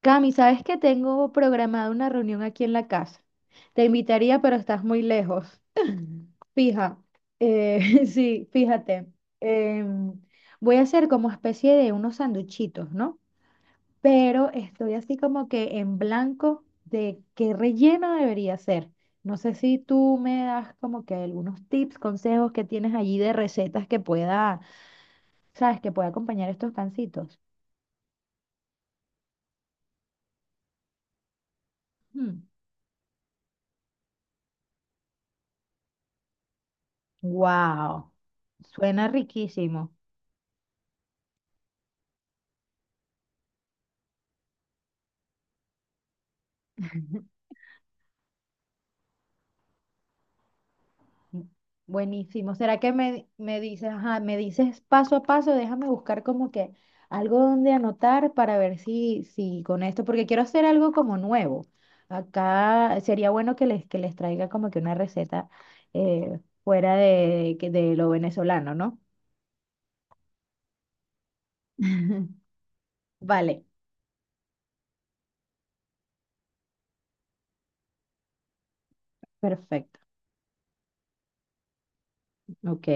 Cami, ¿sabes que tengo programada una reunión aquí en la casa? Te invitaría, pero estás muy lejos. Fija, sí, fíjate. em, voy a hacer como especie de unos sanduchitos, ¿no? Pero estoy así como que en blanco de qué relleno debería ser. No sé si tú me das como que algunos tips, consejos que tienes allí de recetas que pueda, ¿sabes? Que pueda acompañar estos pancitos. Mm. Wow, suena riquísimo. Buenísimo. ¿Será que me dices, ajá, me dices paso a paso? Déjame buscar como que algo donde anotar para ver si, si con esto, porque quiero hacer algo como nuevo. Acá sería bueno que que les traiga como que una receta fuera de, de lo venezolano, ¿no? Vale, perfecto. Ok.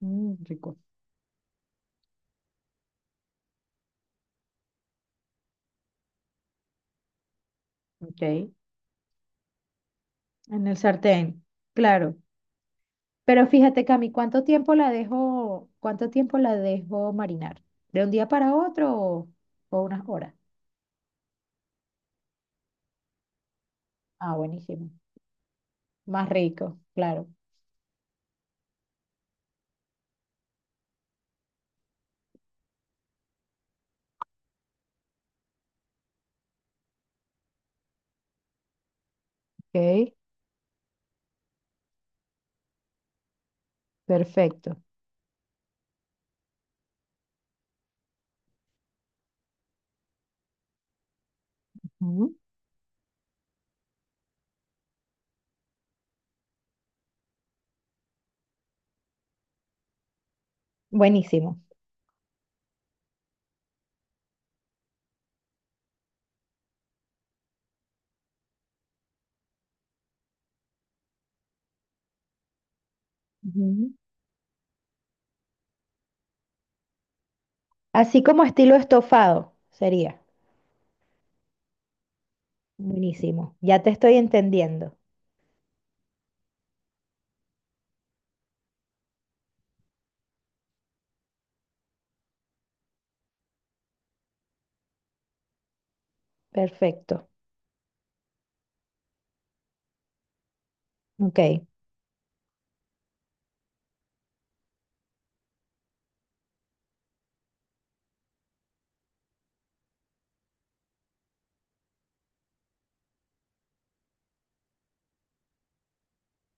Mm, rico. Ok. En el sartén. Claro. Pero fíjate, Cami, ¿cuánto tiempo la dejo, cuánto tiempo la dejo marinar? ¿De un día para otro o unas horas? Ah, buenísimo. Más rico, claro. Ok, perfecto. Ujú. Buenísimo. Ujú. Así como estilo estofado sería. Buenísimo. Ya te estoy entendiendo. Perfecto. Ok,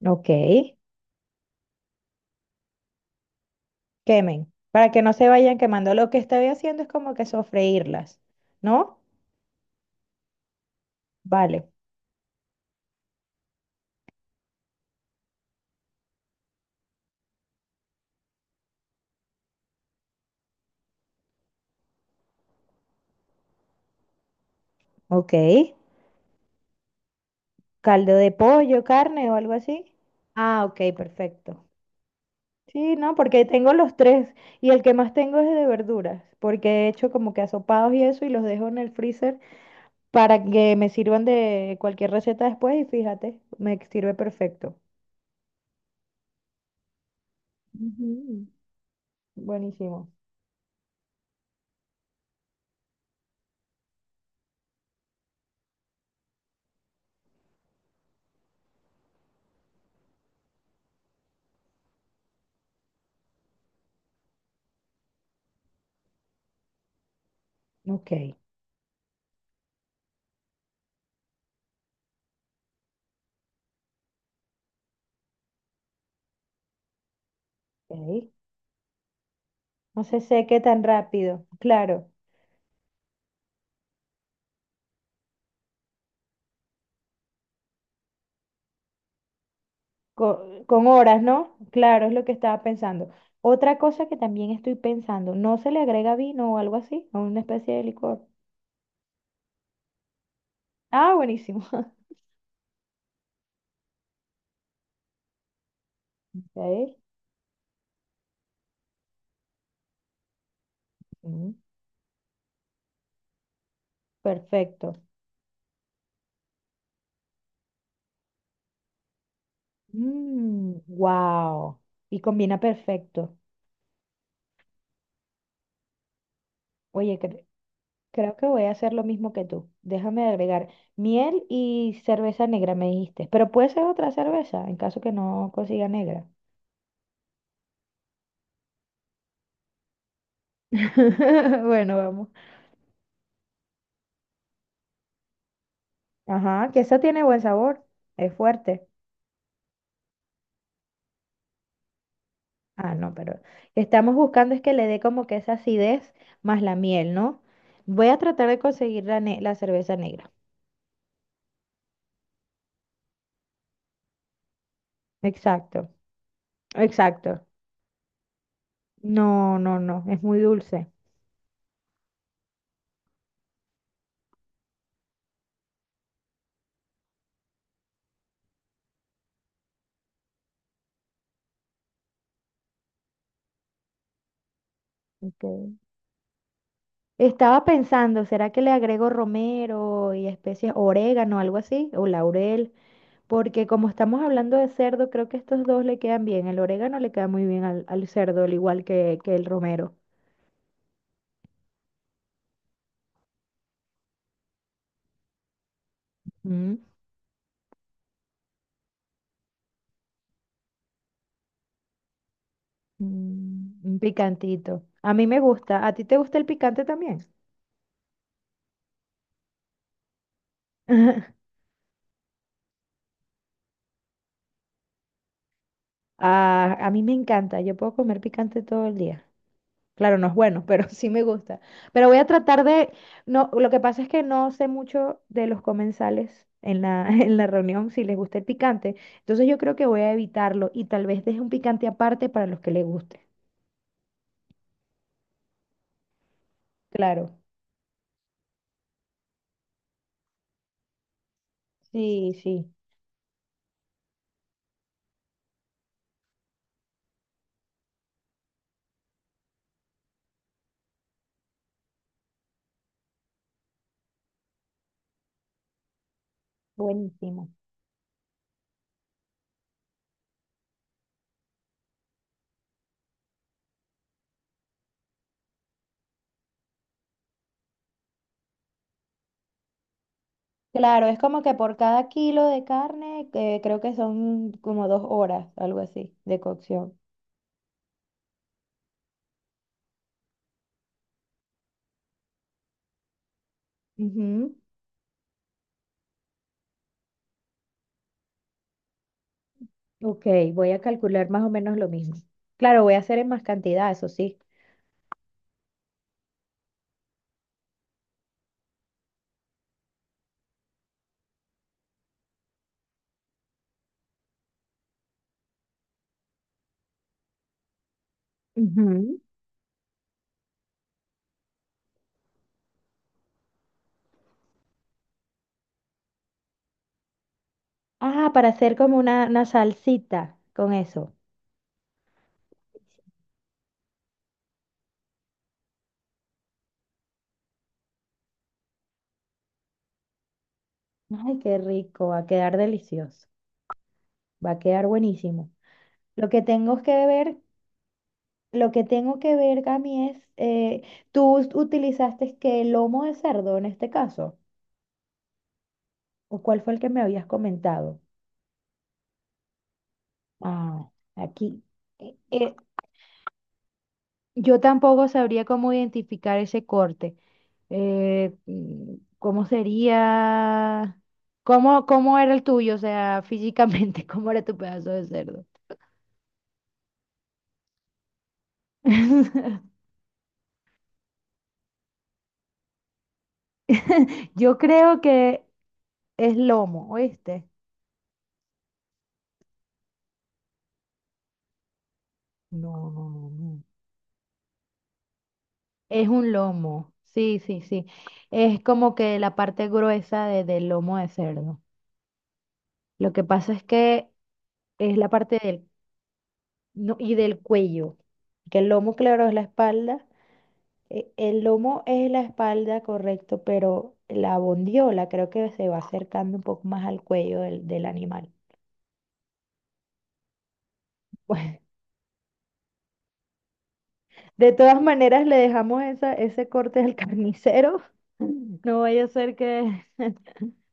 ok. Quemen. Para que no se vayan quemando. Lo que estoy haciendo es como que sofreírlas, ¿no? Vale. Ok. Caldo de pollo, carne o algo así. Ah, ok, perfecto. Sí, no, porque tengo los tres y el que más tengo es de verduras, porque he hecho como que asopados y eso y los dejo en el freezer para que me sirvan de cualquier receta después y fíjate, me sirve perfecto. Ujú. Buenísimo. Ok, ok. No se seque tan rápido, claro. Con, horas, ¿no? Claro, es lo que estaba pensando. Otra cosa que también estoy pensando, ¿no se le agrega vino o algo así? ¿O una especie de licor? Ah, buenísimo. Ok, mm. Perfecto. Wow. Y combina perfecto. Oye, creo que voy a hacer lo mismo que tú. Déjame agregar miel y cerveza negra, me dijiste. Pero puede ser otra cerveza, en caso que no consiga negra. Bueno, vamos. Ajá, que esa tiene buen sabor. Es fuerte. Ah, no, pero estamos buscando es que le dé como que esa acidez más la miel, ¿no? Voy a tratar de conseguir la cerveza negra. Exacto, exacto. No, no, no, es muy dulce. Ok. Estaba pensando, ¿será que le agrego romero y especies, orégano, algo así, o laurel? Porque como estamos hablando de cerdo, creo que estos dos le quedan bien. El orégano le queda muy bien al cerdo, al igual que el romero. Mm, un picantito. A mí me gusta. ¿A ti te gusta el picante también? Ah, a mí me encanta. Yo puedo comer picante todo el día. Claro, no es bueno, pero sí me gusta. Pero voy a tratar de... No, lo que pasa es que no sé mucho de los comensales en la, en la reunión si les gusta el picante. Entonces yo creo que voy a evitarlo y tal vez deje un picante aparte para los que les guste. Claro. Sí, sí. Buenísimo. Claro, es como que por cada kilo de carne, creo que son como 2 horas, algo así, de cocción. Ujú. Ok, voy a calcular más o menos lo mismo. Claro, voy a hacer en más cantidad, eso sí. Ujú. Ah, para hacer como una salsita con eso. Ay, qué rico, va a quedar delicioso, va a quedar buenísimo. Lo que tengo que ver, lo que tengo que ver, Cami, es, ¿tú utilizaste que lomo de cerdo en este caso? ¿O cuál fue el que me habías comentado? Ah, aquí. eh, eh, yo tampoco sabría cómo identificar ese corte. Mm, ¿cómo sería? Cómo era el tuyo? O sea, físicamente, ¿cómo era tu pedazo de cerdo? Yo creo que es lomo, ¿oíste? No, no, no, no. Es un lomo. Sí, sí, sí. Es como que la parte gruesa del lomo de cerdo. Lo que pasa es que es la parte del. No, y del cuello, que el lomo, claro, es la espalda. El lomo es la espalda, correcto, pero la bondiola creo que se va acercando un poco más al cuello del animal. Bueno, de todas maneras, le dejamos esa, ese corte al carnicero. No vaya a ser que,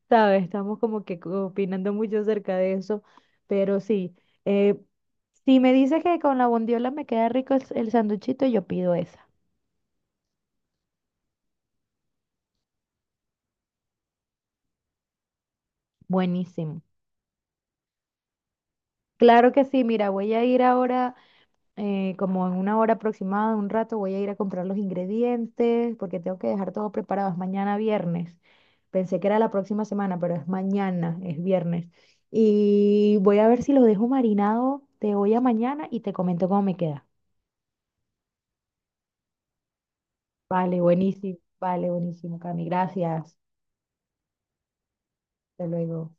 ¿sabes? Estamos como que opinando mucho acerca de eso, pero sí. eh, si me dices que con la bondiola me queda rico el sanduchito, yo pido esa. Buenísimo. Claro que sí, mira, voy a ir ahora, como en una hora aproximada, un rato, voy a ir a comprar los ingredientes porque tengo que dejar todo preparado. Es mañana viernes. Pensé que era la próxima semana, pero es mañana, es viernes. Y voy a ver si lo dejo marinado de hoy a mañana y te comento cómo me queda. Vale, buenísimo, Cami. Gracias. Hasta luego.